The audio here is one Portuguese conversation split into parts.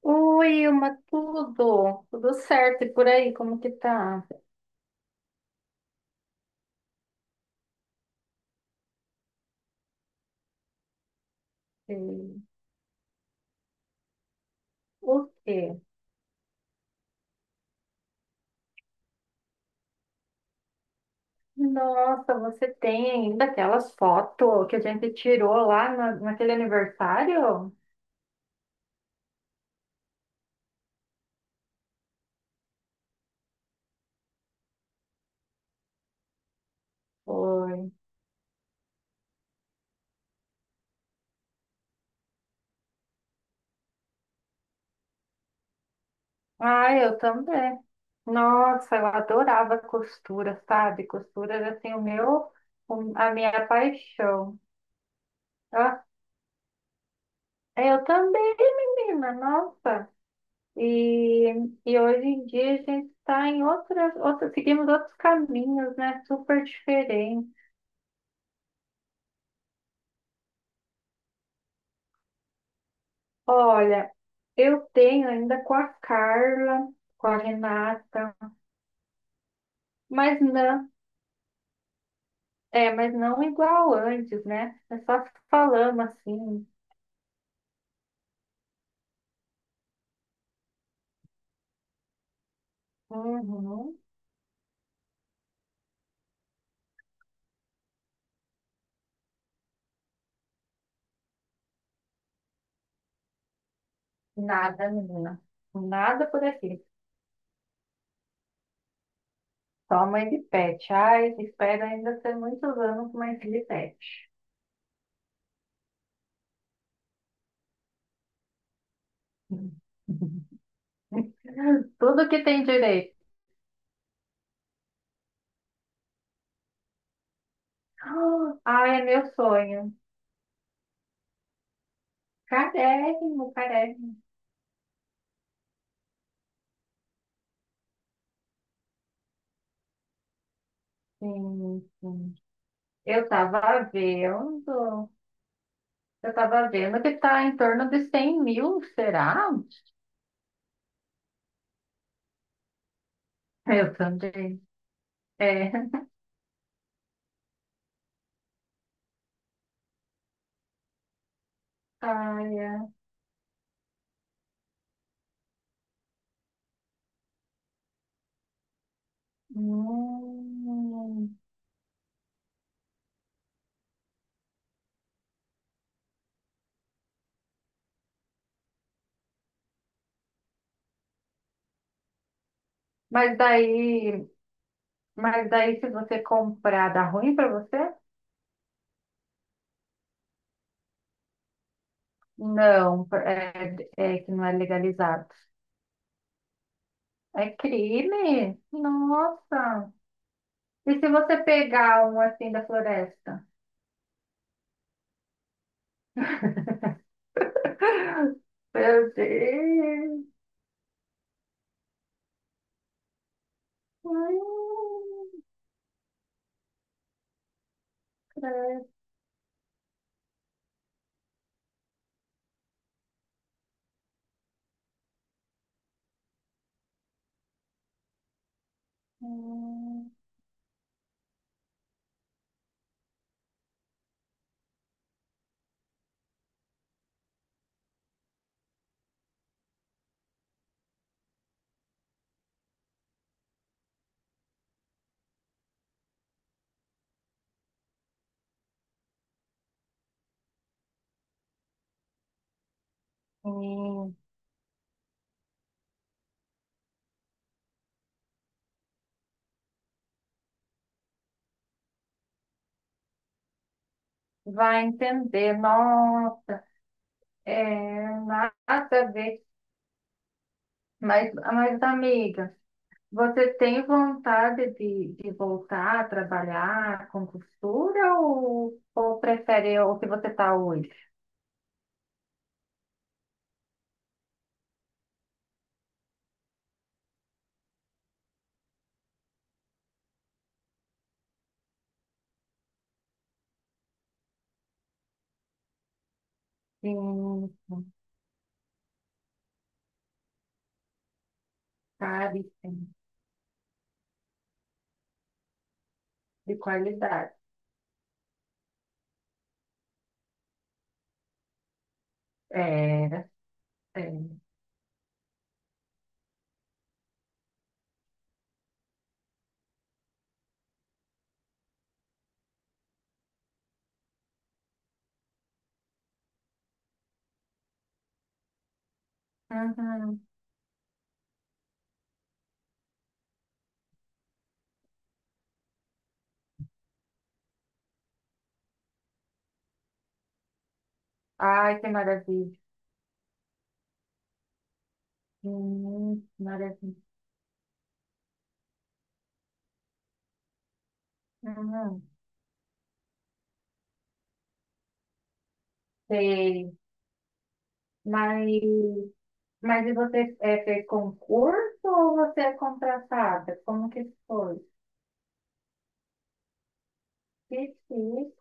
Oi, Ilma, tudo? Tudo certo? E por aí, como que tá? Eh, O quê? Nossa, você tem ainda aquelas fotos que a gente tirou lá naquele aniversário? Foi. Ah, eu também. Nossa, eu adorava costura, sabe? Costura era assim a minha paixão. Ah, eu também, menina, nossa. E, e hoje em dia a gente está em outras, seguimos outros caminhos, né? Super diferentes. Olha, eu tenho ainda com a Carla, com a Renata, mas não, mas não igual antes, né? É só falando assim, uhum, nada, menina, nada por aqui. Só mãe de pet. Ai, espero ainda ter muitos anos com mãe de pet. Tudo que tem direito. Ah, é meu sonho. Carérrimo, carérrimo. Sim, sim. Eu tava vendo, eu tava vendo que tá em torno de 100.000, será? Eu também. É. Ai, é. Hum. Mas daí, mas daí se você comprar, dá ruim pra você? Não, é que não é legalizado. É crime? Nossa. E se você pegar um assim da floresta? Meu Deus. Ai, credo. Hum, sim. Vai entender, nossa, é nada a ver. Mas amiga, você tem vontade de voltar a trabalhar com costura ou prefere o que você está hoje? Sim, sabe, sim, de qualidade. Era, é. Uhum. Ai, que maravilha. Maravilha. Hum, sei. Mas, mas e você fez concurso ou você é contratada? Como que foi? Difícil.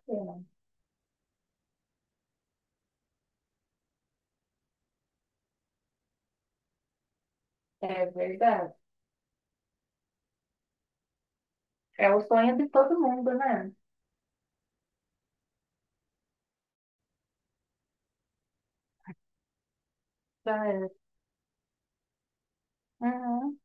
É verdade. É o sonho de todo mundo, né? Já é. Uhum,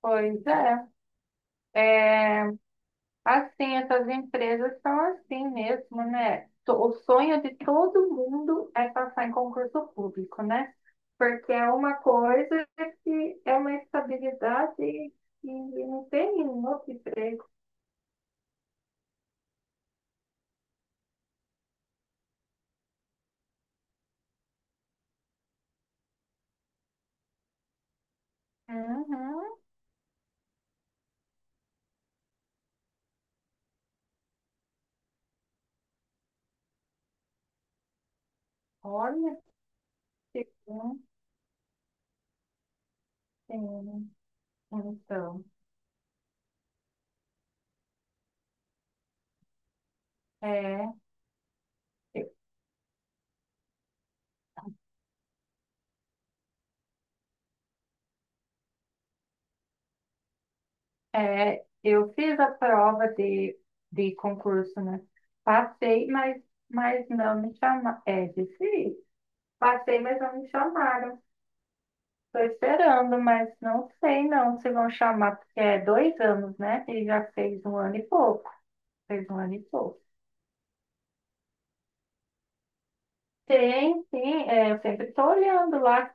pois é. É, assim, essas empresas são assim mesmo, né? O sonho de todo mundo é passar em concurso público, né? Porque é uma coisa que é uma estabilidade e não tem em outro emprego. Uhum. Olha, que bom. Sim. Então, é, eu fiz a prova de concurso, né? Passei, mas não me chamaram. É difícil. Passei, mas não me chamaram. Tô esperando, mas não sei não se vão chamar, porque é 2 anos, né? Ele já fez um ano e pouco. Fez um ano e pouco. Tem, sim, eu sempre estou olhando lá,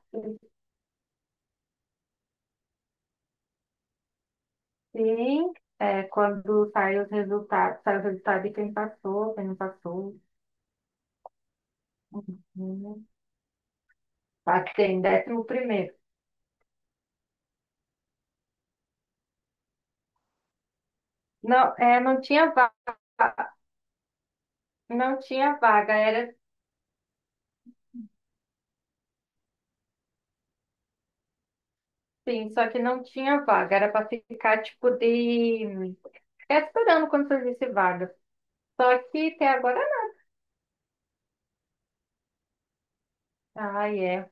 sim, quando saem os resultados, sai o resultado de quem passou, quem não passou. Uhum. Passei em 11º. Não, não tinha vaga, era sim, só que não tinha vaga, era para ficar tipo de ficar esperando quando surgisse vaga. Só que até agora não. Ah é.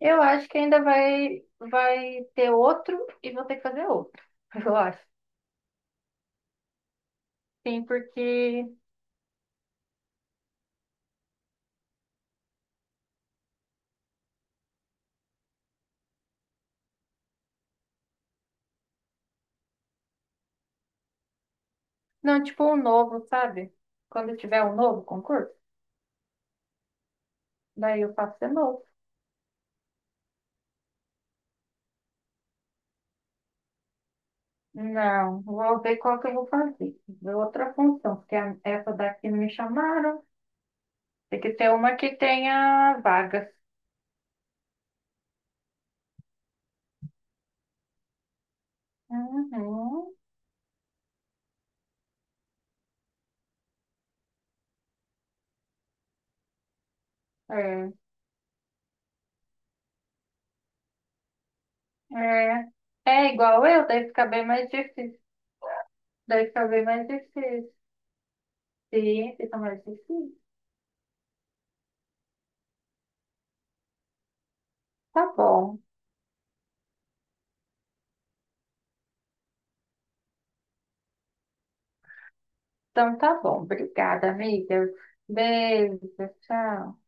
Eu acho que ainda vai ter outro e vou ter que fazer outro. Eu acho. Sim, porque. Não, tipo um novo, sabe? Quando tiver um novo concurso, daí eu faço de novo. Não, vou ver qual que eu vou fazer. Ver outra função, porque essa daqui não me chamaram. Tem que ter uma que tenha vagas. Uhum. É. É. É igual eu, deve ficar bem mais difícil. Deve ficar bem mais difícil. Sim, fica mais difícil. Tá bom. Então tá bom. Obrigada, amiga. Beijo. Tchau.